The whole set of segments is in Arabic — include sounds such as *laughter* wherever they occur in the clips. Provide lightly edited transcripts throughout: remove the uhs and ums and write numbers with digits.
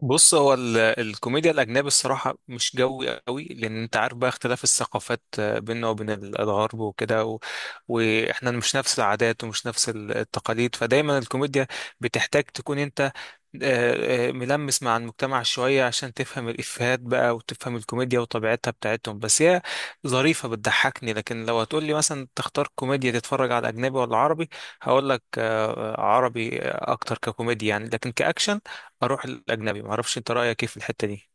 بص، هو الكوميديا الأجنبي الصراحة مش جوي قوي، لأن أنت عارف بقى اختلاف الثقافات، بيننا وبين الغرب وكده، وإحنا مش نفس العادات ومش نفس التقاليد. فدايما الكوميديا بتحتاج تكون أنت ملمس مع المجتمع شوية عشان تفهم الإفيهات بقى وتفهم الكوميديا وطبيعتها بتاعتهم. بس هي ظريفة بتضحكني. لكن لو هتقول لي مثلا تختار كوميديا تتفرج على أجنبي ولا عربي، هقول لك عربي أكتر ككوميديا يعني، لكن كأكشن اروح الاجنبي. ما اعرفش انت رايك ايه في الحته دي؟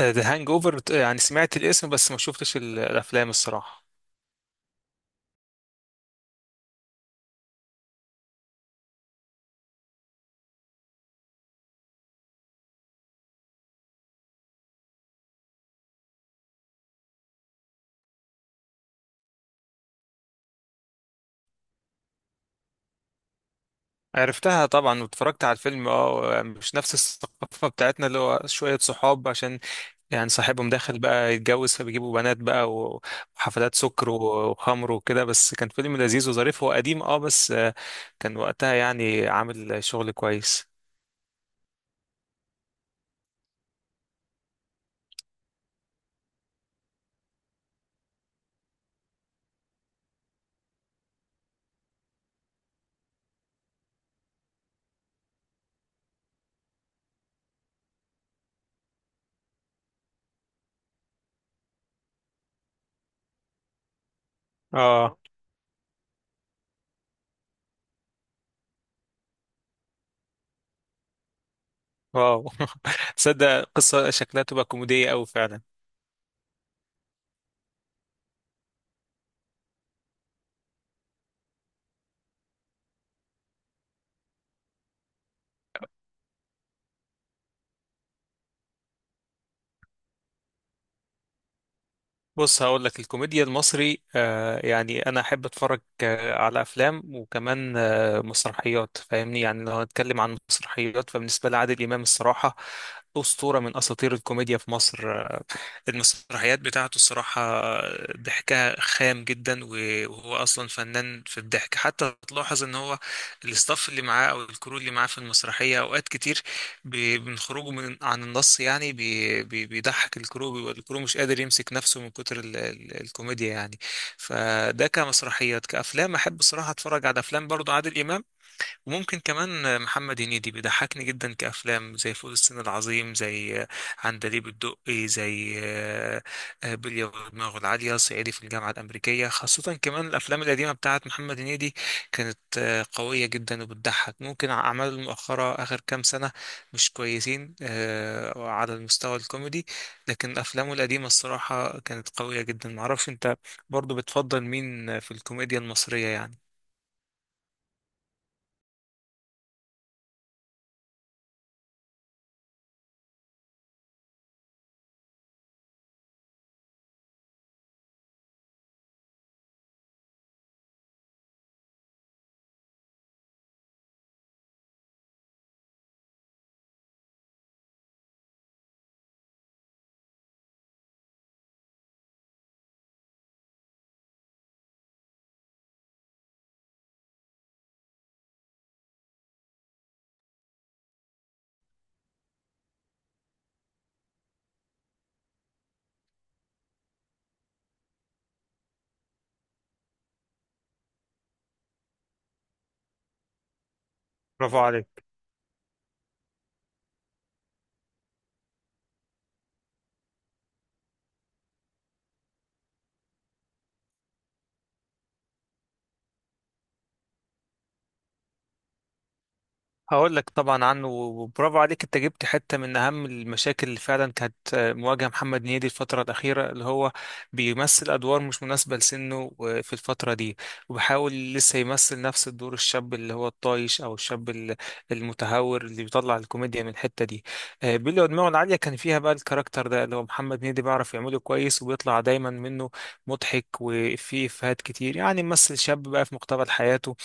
ذا هانج اوفر، يعني سمعت الاسم بس ما شفتش الافلام الصراحه. عرفتها طبعا واتفرجت على الفيلم. اه، مش نفس الثقافه بتاعتنا. اللي هو شويه صحاب، عشان يعني صاحبهم داخل بقى يتجوز، فبيجيبوا بنات بقى وحفلات سكر وخمر وكده. بس كان فيلم لذيذ وظريف. هو قديم اه بس كان وقتها يعني عامل شغل كويس. اه، واو، *laughs* تصدق قصة شكلها تبقى كوميدية أوي فعلا. بص، هقول لك الكوميديا المصري يعني انا احب اتفرج على افلام، وكمان مسرحيات فاهمني. يعني لو هنتكلم عن مسرحيات، فبالنسبه لي عادل امام الصراحه اسطوره من اساطير الكوميديا في مصر. المسرحيات بتاعته الصراحة ضحكها خام جدا، وهو أصلا فنان في الضحك. حتى تلاحظ إن هو الاستاف اللي معاه أو الكرو اللي معاه في المسرحية أوقات كتير من خروجه من عن النص، يعني بي بي بيضحك الكرو، بيبقى الكرو مش قادر يمسك نفسه من كتر ال ال الكوميديا يعني. فده كمسرحيات. كأفلام أحب الصراحة أتفرج على أفلام برضه عادل إمام. وممكن كمان محمد هنيدي بيضحكني جدا، كأفلام زي فول الصين العظيم، زي عندليب الدقي، زي بلية ودماغه العالية، صعيدي في الجامعة الأمريكية. خاصة كمان الأفلام القديمة بتاعت محمد هنيدي كانت قوية جدا وبتضحك. ممكن أعماله المؤخرة آخر كام سنة مش كويسين على المستوى الكوميدي. لكن أفلامه القديمة الصراحة كانت قوية جدا. معرفش أنت برضو بتفضل مين في الكوميديا المصرية يعني؟ برافو عليك. هقول لك طبعا عنه. وبرافو عليك، انت جبت حته من اهم المشاكل اللي فعلا كانت مواجهه محمد هنيدي الفتره الاخيره، اللي هو بيمثل ادوار مش مناسبه لسنه في الفتره دي. وبيحاول لسه يمثل نفس الدور الشاب، اللي هو الطايش او الشاب المتهور، اللي بيطلع الكوميديا من الحته دي. بيلي ودماغه العاليه كان فيها بقى الكاركتر ده اللي هو محمد هنيدي بيعرف يعمله كويس، وبيطلع دايما منه مضحك، وفيه افيهات كتير. يعني ممثل شاب بقى في مقتبل حياته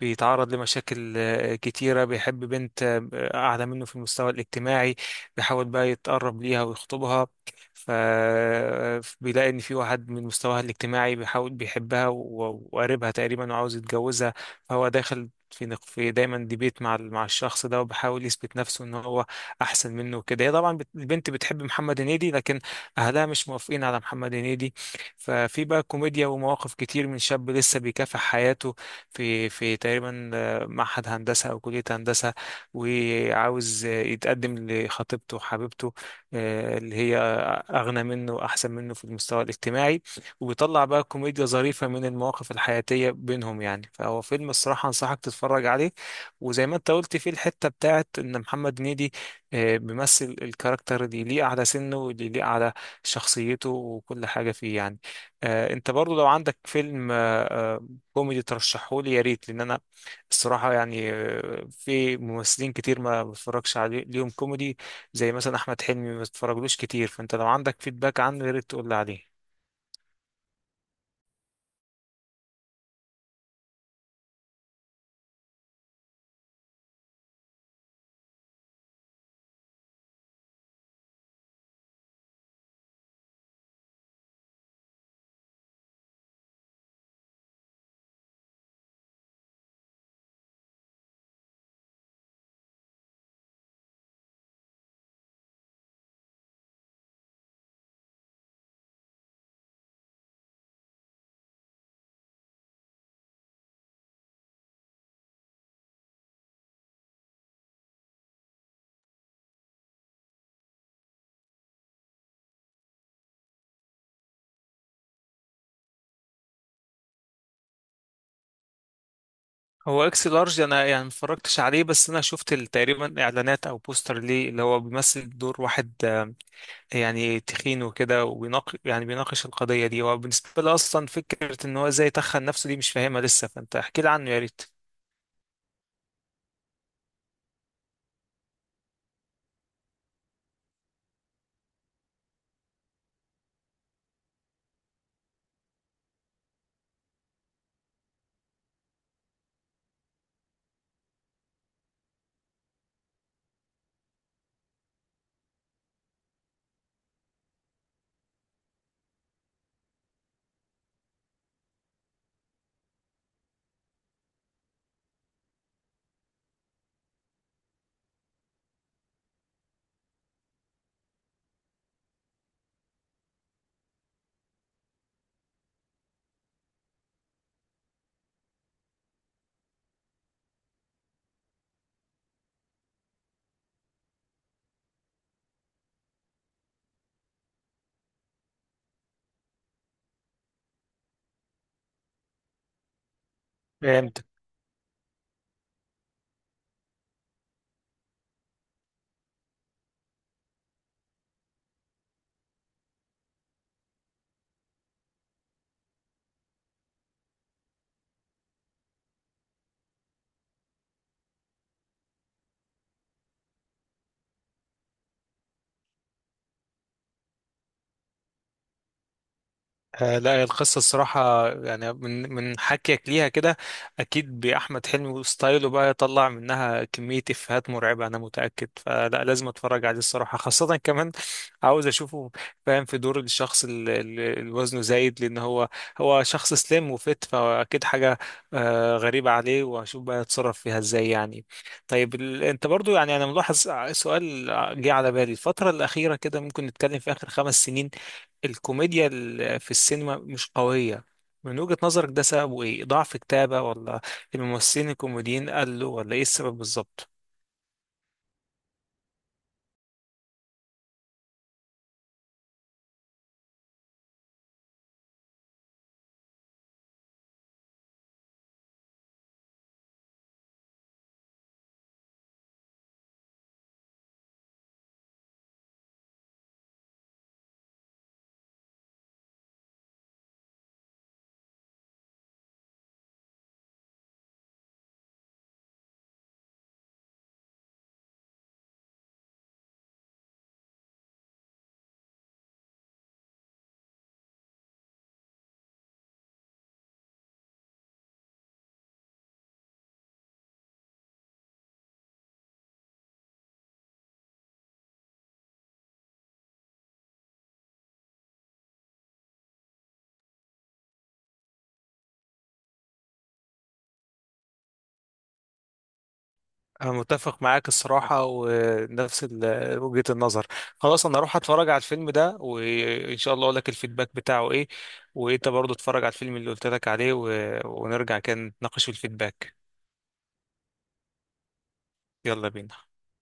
بيتعرض لمشاكل كتيرة، بيحب بنت أعلى منه في المستوى الاجتماعي، بيحاول بقى يتقرب ليها ويخطبها. فبيلاقي إن في واحد من مستواها الاجتماعي بيحاول بيحبها وقريبها تقريبا، وعاوز يتجوزها. فهو داخل في دايما ديبيت مع مع الشخص ده، وبحاول يثبت نفسه ان هو احسن منه وكده. هي طبعا البنت بتحب محمد هنيدي، لكن اهلها مش موافقين على محمد هنيدي. ففي بقى كوميديا ومواقف كتير من شاب لسه بيكافح حياته في تقريبا معهد هندسة أو كلية هندسة. وعاوز يتقدم لخطيبته حبيبته، اللي هي أغنى منه وأحسن منه في المستوى الاجتماعي. وبيطلع بقى كوميديا ظريفة من المواقف الحياتية بينهم يعني. فهو فيلم الصراحة أنصحك تتفرج عليه. وزي ما أنت قلت، فيه الحتة بتاعت إن محمد هنيدي بيمثل الكاركتر اللي يليق على سنه واللي يليق على شخصيته وكل حاجة فيه يعني. أنت برضو لو عندك فيلم آه، كوميدي ترشحهولي يا ريت. لأن أنا الصراحة يعني في ممثلين كتير ما بتفرجش عليهم كوميدي، زي مثلا احمد حلمي ما اتفرجلوش كتير. فانت لو عندك فيدباك عنه يا ريت تقول لي عليه. هو اكس لارج، انا يعني ما اتفرجتش عليه. بس انا شفت تقريبا اعلانات او بوستر ليه، اللي هو بيمثل دور واحد يعني تخين وكده، وبيناقش، يعني بيناقش القضية دي. هو بالنسبة لي اصلا فكرة ان هو ازاي تخن نفسه دي مش فاهمها لسه. فانت احكي لي عنه يا ريت. فاهم. لا، هي القصة الصراحة يعني من حكيك ليها كده أكيد بأحمد حلمي وستايله بقى يطلع منها كمية إفيهات مرعبة أنا متأكد. فلا لازم أتفرج عليه الصراحة، خاصة كمان عاوز أشوفه فاهم في دور الشخص اللي وزنه زايد. لأن هو شخص سليم وفت، فأكيد حاجة غريبة عليه. وأشوف بقى يتصرف فيها إزاي يعني. طيب، أنت برضو يعني أنا ملاحظ سؤال جه على بالي الفترة الأخيرة كده. ممكن نتكلم في آخر 5 سنين الكوميديا في السينما مش قوية. من وجهة نظرك ده سببه ايه؟ ضعف كتابة ولا الممثلين الكوميديين قلوا ولا ايه السبب بالظبط؟ انا متفق معاك الصراحة ونفس وجهة النظر. خلاص، انا اروح اتفرج على الفيلم ده وان شاء الله اقول لك الفيدباك بتاعه ايه. وانت برضو اتفرج على الفيلم اللي قلت لك عليه ونرجع كده نتناقش في الفيدباك. يلا بينا.